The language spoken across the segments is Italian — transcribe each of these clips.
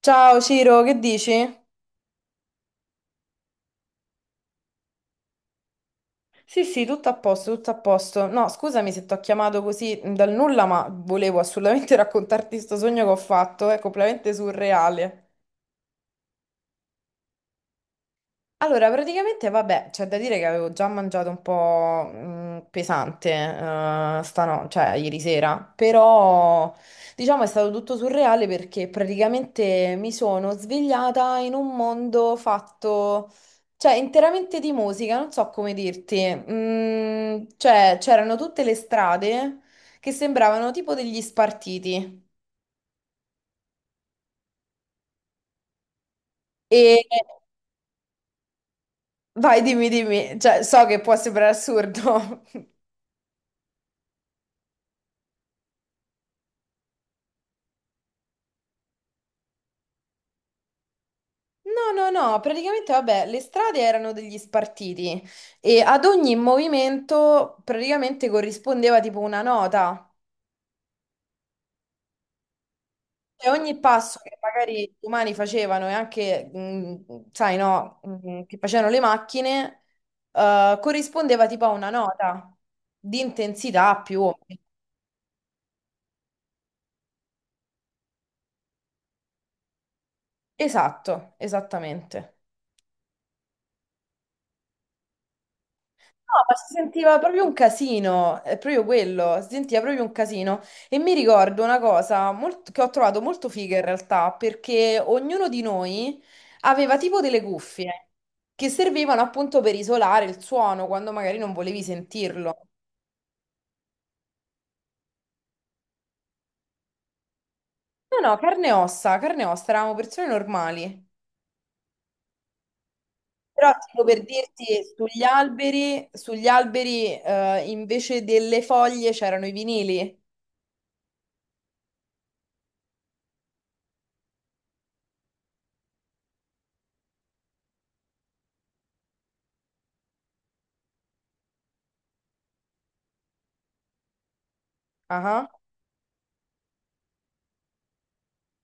Ciao Ciro, che dici? Sì, sì, tutto a posto, tutto a posto. No, scusami se ti ho chiamato così dal nulla, ma volevo assolutamente raccontarti sto sogno che ho fatto, è completamente surreale. Allora, praticamente, vabbè, c'è da dire che avevo già mangiato un po' pesante, cioè ieri sera, però diciamo è stato tutto surreale perché praticamente mi sono svegliata in un mondo fatto, cioè interamente di musica, non so come dirti. Cioè c'erano tutte le strade che sembravano tipo degli spartiti e vai, dimmi, dimmi, cioè so che può sembrare assurdo. No, no, no, praticamente vabbè, le strade erano degli spartiti e ad ogni movimento praticamente corrispondeva tipo una nota. Cioè ogni passo che magari gli umani facevano e anche, sai, no, che facevano le macchine, corrispondeva tipo a una nota di intensità più o meno. Esatto, esattamente. No, ma si sentiva proprio un casino, è proprio quello, si sentiva proprio un casino. E mi ricordo una cosa che ho trovato molto figa in realtà, perché ognuno di noi aveva tipo delle cuffie che servivano appunto per isolare il suono quando magari non volevi sentirlo. No, no, carne e ossa, eravamo persone normali. Però tipo per dirti, sugli alberi invece delle foglie c'erano i vinili. Ah ah.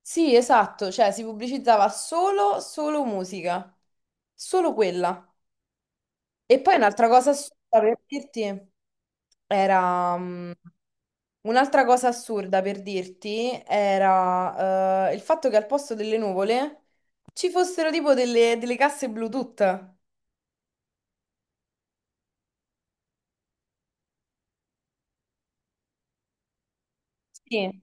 Sì, esatto, cioè si pubblicizzava solo, solo musica, solo quella. E poi un'altra cosa assurda per dirti era... mm, Un'altra cosa assurda per dirti era il fatto che al posto delle nuvole ci fossero tipo delle casse Bluetooth. Sì.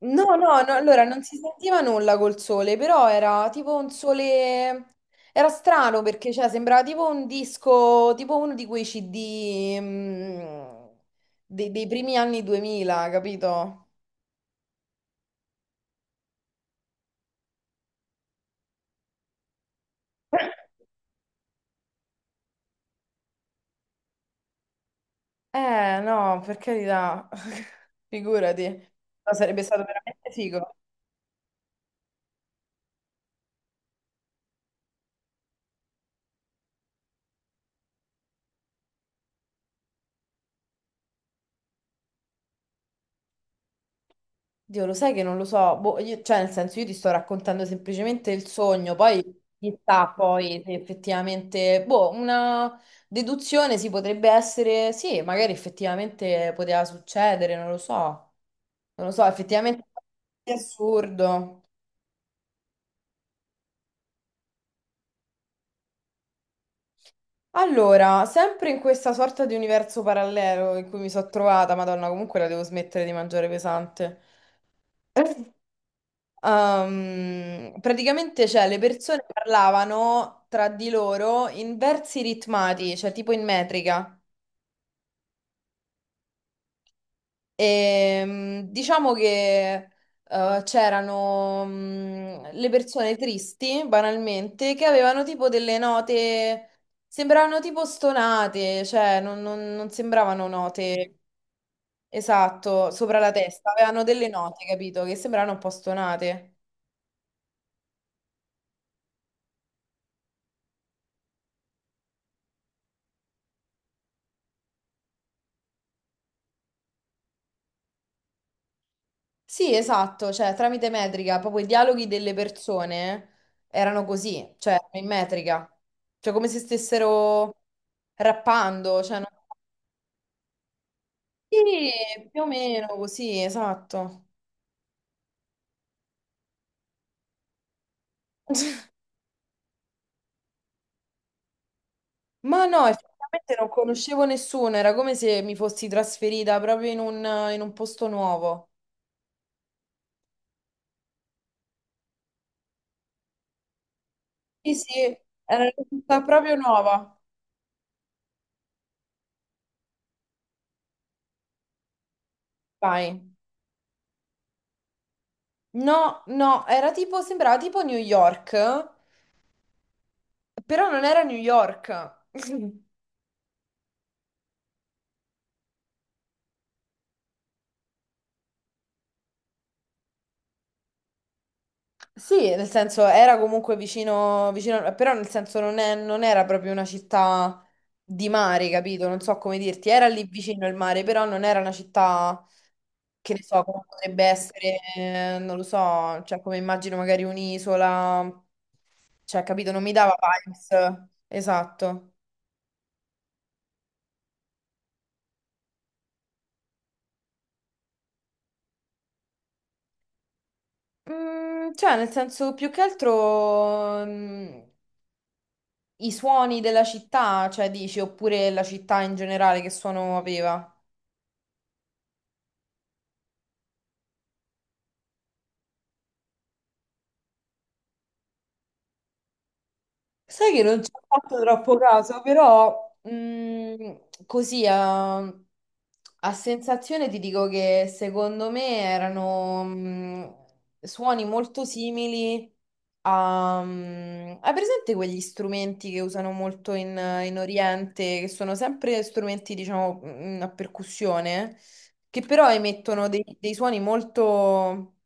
No, no, no, allora non si sentiva nulla col sole, però era tipo un sole. Era strano perché cioè, sembrava tipo un disco, tipo uno di quei CD dei primi anni 2000, capito? No, per carità, figurati. No, sarebbe stato veramente figo. Dio, lo sai che non lo so, boh, cioè nel senso io ti sto raccontando semplicemente il sogno, poi chissà poi se effettivamente, boh, una deduzione si potrebbe essere, sì, magari effettivamente poteva succedere, non lo so, non lo so, effettivamente è assurdo. Allora, sempre in questa sorta di universo parallelo in cui mi sono trovata, Madonna, comunque la devo smettere di mangiare pesante. Praticamente, cioè, le persone parlavano tra di loro in versi ritmati, cioè tipo in metrica. E, diciamo che c'erano le persone tristi, banalmente, che avevano tipo delle note, sembravano tipo stonate, cioè non sembravano note. Esatto, sopra la testa, avevano delle note, capito, che sembravano un po' stonate. Sì, esatto, cioè tramite metrica, proprio i dialoghi delle persone erano così, cioè erano in metrica, cioè come se stessero rappando, cioè sì, più o meno così, esatto. Ma no, effettivamente non conoscevo nessuno, era come se mi fossi trasferita proprio in un posto nuovo. Sì, sì, era una città proprio nuova. Vai. No, no, era tipo, sembrava tipo New York, però non era New York. Sì, nel senso era comunque vicino, vicino, però nel senso non era proprio una città di mare, capito? Non so come dirti, era lì vicino il mare, però non era una città che ne so, come potrebbe essere, non lo so, cioè come immagino magari un'isola, cioè capito, non mi dava vibes, esatto. Cioè nel senso più che altro i suoni della città, cioè dici, oppure la città in generale che suono aveva. Sai che non ci ho fatto troppo caso, però così a sensazione ti dico che secondo me erano suoni molto simili hai presente quegli strumenti che usano molto in Oriente, che sono sempre strumenti, diciamo, a percussione, che però emettono dei suoni molto...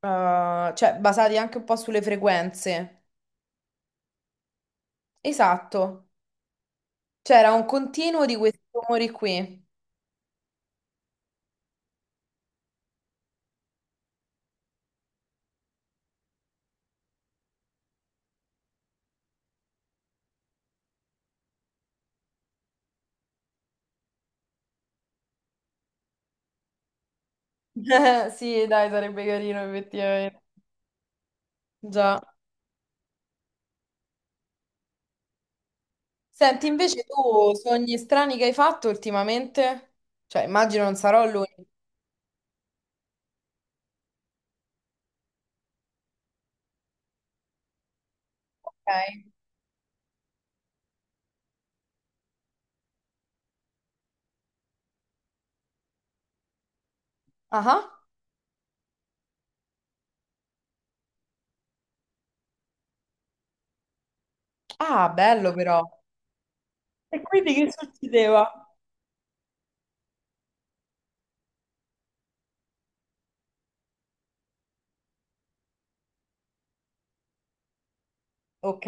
eh, cioè basati anche un po' sulle frequenze. Esatto. C'era un continuo di questi rumori qui. Sì, dai, sarebbe carino effettivamente. Già. Senti, invece tu, sogni strani che hai fatto ultimamente? Cioè, immagino non sarò l'unico, ok? Ah, ah. Ah, bello però. E quindi che succedeva? Ok.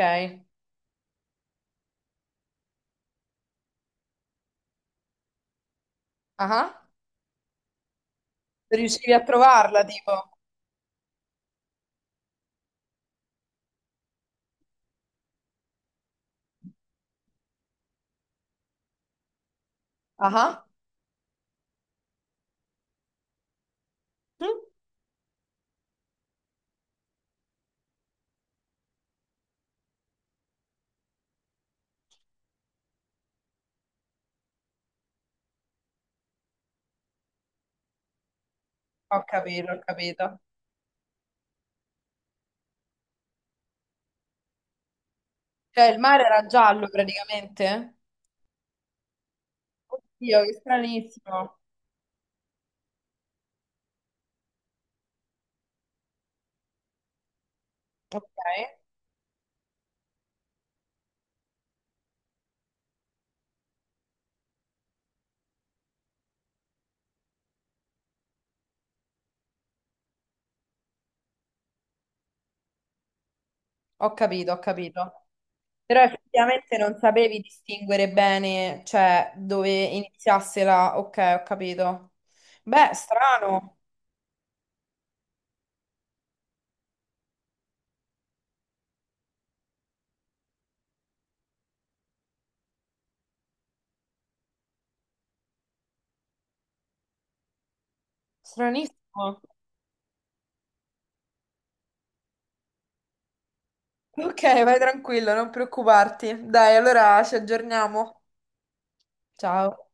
Ah, riuscivi a trovarla, tipo? Ah. Mm? Ho capito, ho capito. Cioè, il mare era giallo praticamente? Oddio, che stranissimo. Ok, ho capito, ho capito. Però effettivamente non sapevi distinguere bene, cioè, dove iniziasse la. Ok, ho capito. Beh, strano, stranissimo. Ok, vai tranquillo, non preoccuparti. Dai, allora ci aggiorniamo. Ciao.